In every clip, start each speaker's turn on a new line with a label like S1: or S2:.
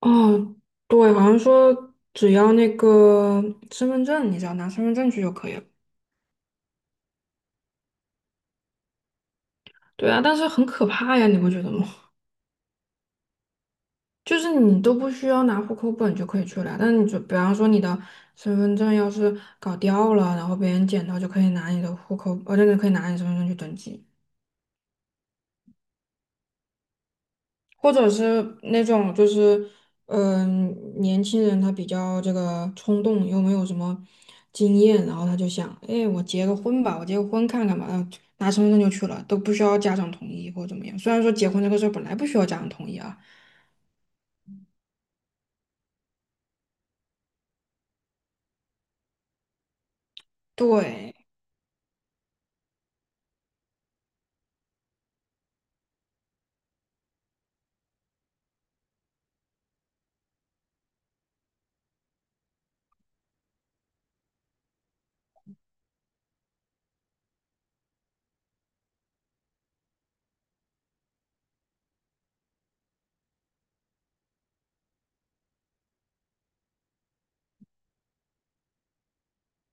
S1: 哦，对，好像说只要那个身份证，你只要拿身份证去就可以了。对啊，但是很可怕呀，你不觉得吗？就是你都不需要拿户口本就可以去了，但你就比方说你的身份证要是搞掉了，然后别人捡到就可以拿你的户口，可以拿你身份证去登记。或者是那种就是，嗯、年轻人他比较这个冲动，又没有什么经验，然后他就想，哎，我结个婚吧，我结个婚看看吧，然后拿身份证就去了，都不需要家长同意或者怎么样。虽然说结婚这个事儿本来不需要家长同意啊，对，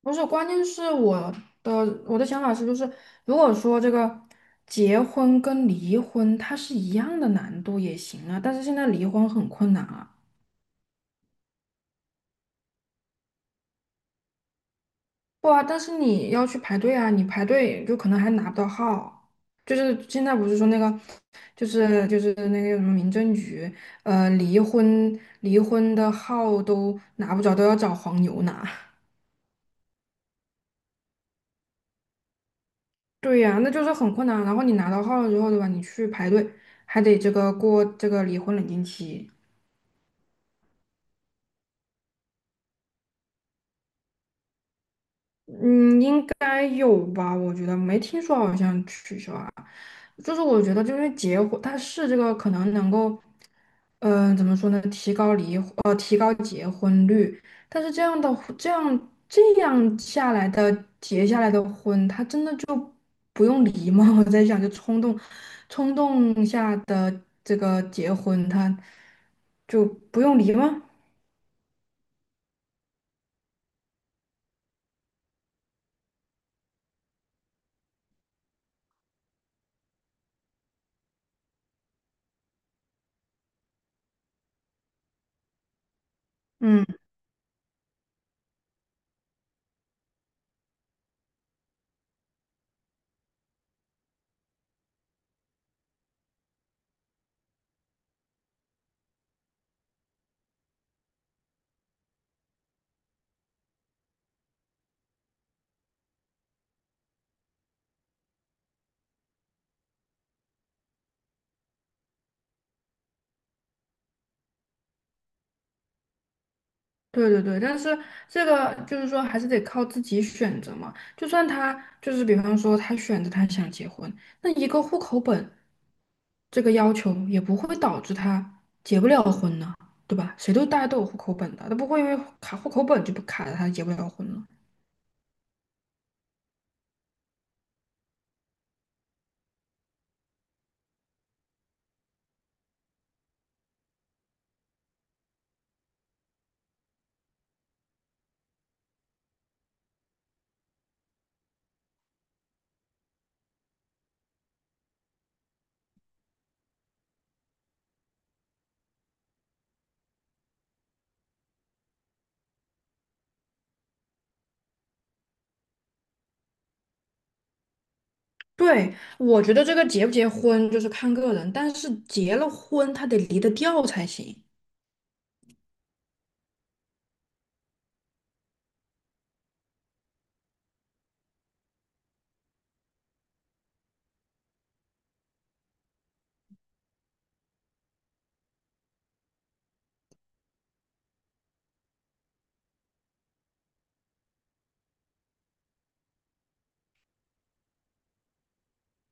S1: 不是，关键是的我的想法是，就是如果说这个结婚跟离婚它是一样的难度也行啊，但是现在离婚很困难啊。不啊，但是你要去排队啊，你排队就可能还拿不到号。就是现在不是说那个，就是那个什么民政局，离婚的号都拿不着，都要找黄牛拿。对呀，那就是很困难。然后你拿到号了之后，对吧？你去排队，还得这个过这个离婚冷静期。嗯，应该有吧？我觉得没听说好像取消啊。就是我觉得，就是结婚，它是这个可能能够，怎么说呢？提高离婚，但是这样的婚这样下来的结下来的婚，他真的就不用离吗？我在想，就冲动下的这个结婚，他就不用离吗？嗯。对对对，但是这个就是说，还是得靠自己选择嘛。就算他就是，比方说他选择他想结婚，那一个户口本这个要求也不会导致他结不了婚呢，对吧？谁都大家都有户口本的，他不会因为卡户口本就不卡着他结不了婚了。对，我觉得这个结不结婚就是看个人，但是结了婚他得离得掉才行。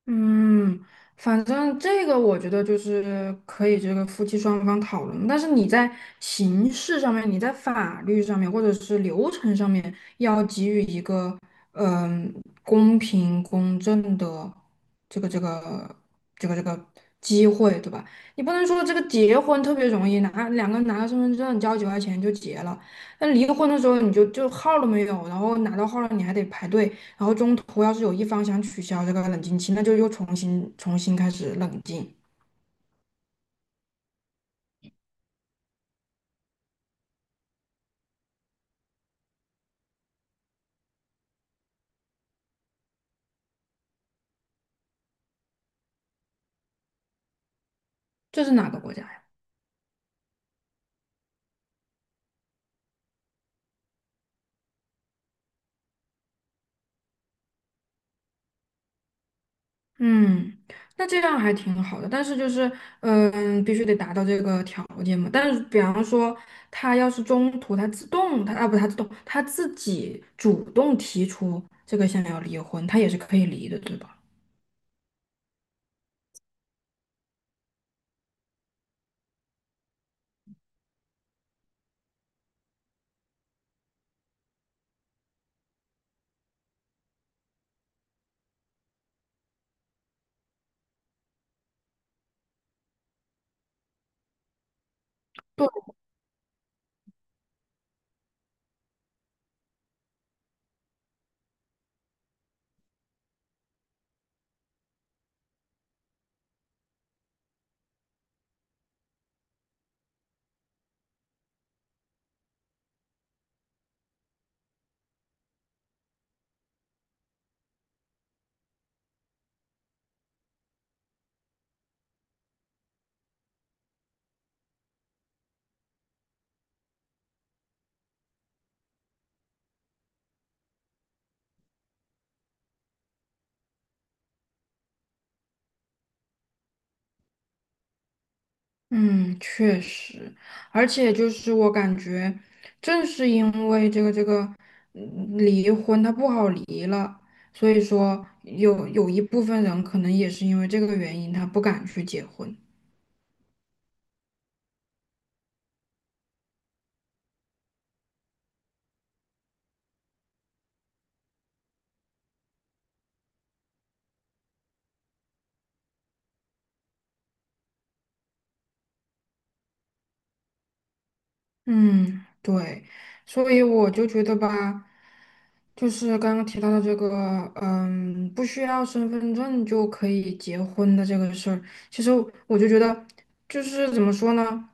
S1: 嗯，反正这个我觉得就是可以这个夫妻双方讨论，但是你在形式上面，你在法律上面，或者是流程上面，要给予一个嗯、公平公正的这个这个这个机会，对吧？你不能说这个结婚特别容易拿两个人拿个身份证交几块钱就结了，那离婚的时候你就号儿都没有，然后拿到号儿了你还得排队。然后中途要是有一方想取消这个冷静期，那就又重新开始冷静。这是哪个国家呀？嗯，那这样还挺好的，但是就是，嗯，必须得达到这个条件嘛。但是，比方说，他要是中途他自动，他啊不，他自动，他自己主动提出这个想要离婚，他也是可以离的，对吧？嗯，确实，而且就是我感觉，正是因为这个离婚，它不好离了，所以说有一部分人可能也是因为这个原因，他不敢去结婚。嗯，对，所以我就觉得吧，就是刚刚提到的这个，嗯，不需要身份证就可以结婚的这个事儿，其实我就觉得，就是怎么说呢，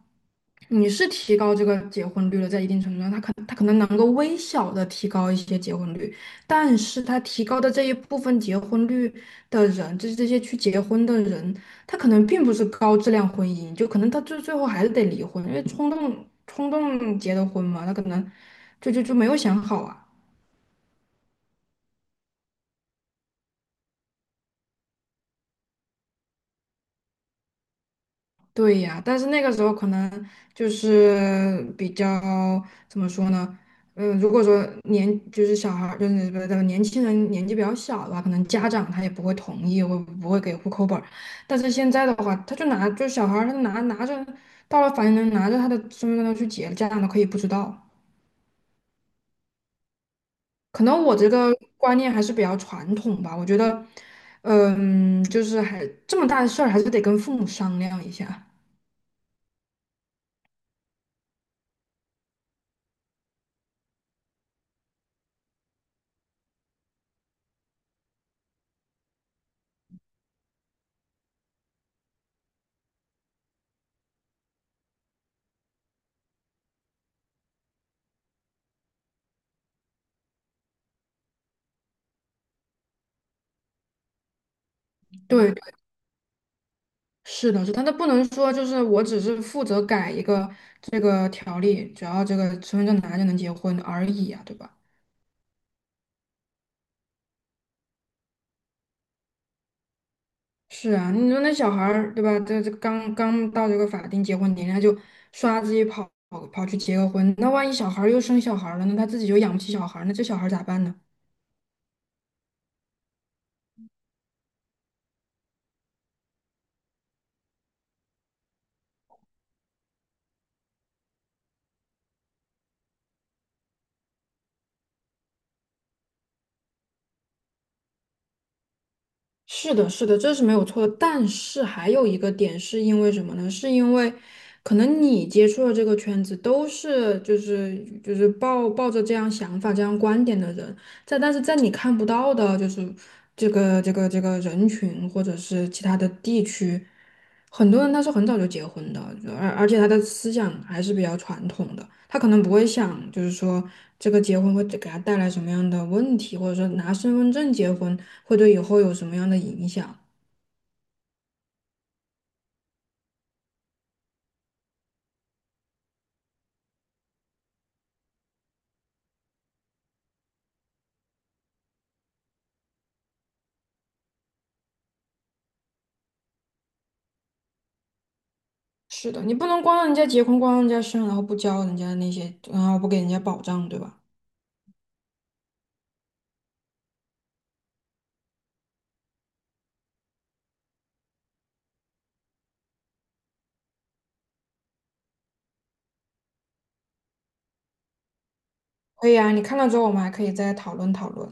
S1: 你是提高这个结婚率了，在一定程度上，它可能能够微小的提高一些结婚率，但是它提高的这一部分结婚率的人，就是这些去结婚的人。他可能并不是高质量婚姻，就可能他最最后还是得离婚，因为冲动结的婚嘛，他可能就没有想好啊。对呀，但是那个时候可能就是比较怎么说呢？嗯，如果说年就是小孩儿就是不是年轻人年纪比较小的话，可能家长他也不会同意，会不会给户口本儿。但是现在的话，他就拿就小孩儿他拿着到了法院，拿着他的身份证去结，家长都可以不知道。可能我这个观念还是比较传统吧，我觉得，嗯，就是还这么大的事儿，还是得跟父母商量一下。对，对是的，是的，但他不能说就是我只是负责改一个这个条例，只要这个身份证拿就能结婚而已啊，对吧？是啊，你说那小孩儿对吧？这刚刚到这个法定结婚年龄，他就刷自己跑去结个婚，那万一小孩儿又生小孩儿了呢？他自己又养不起小孩儿，那这小孩儿咋办呢？是的，是的，这是没有错的。但是还有一个点是因为什么呢？是因为可能你接触的这个圈子都是就是抱着这样想法、这样观点的人，但是在你看不到的，就是这个人群或者是其他的地区，很多人他是很早就结婚的，而且他的思想还是比较传统的，他可能不会想就是说这个结婚会给他带来什么样的问题，或者说拿身份证结婚会对以后有什么样的影响。是的，你不能光让人家结婚，光让人家生，然后不教人家那些，然后不给人家保障，对吧？可以啊，你看了之后，我们还可以再讨论讨论。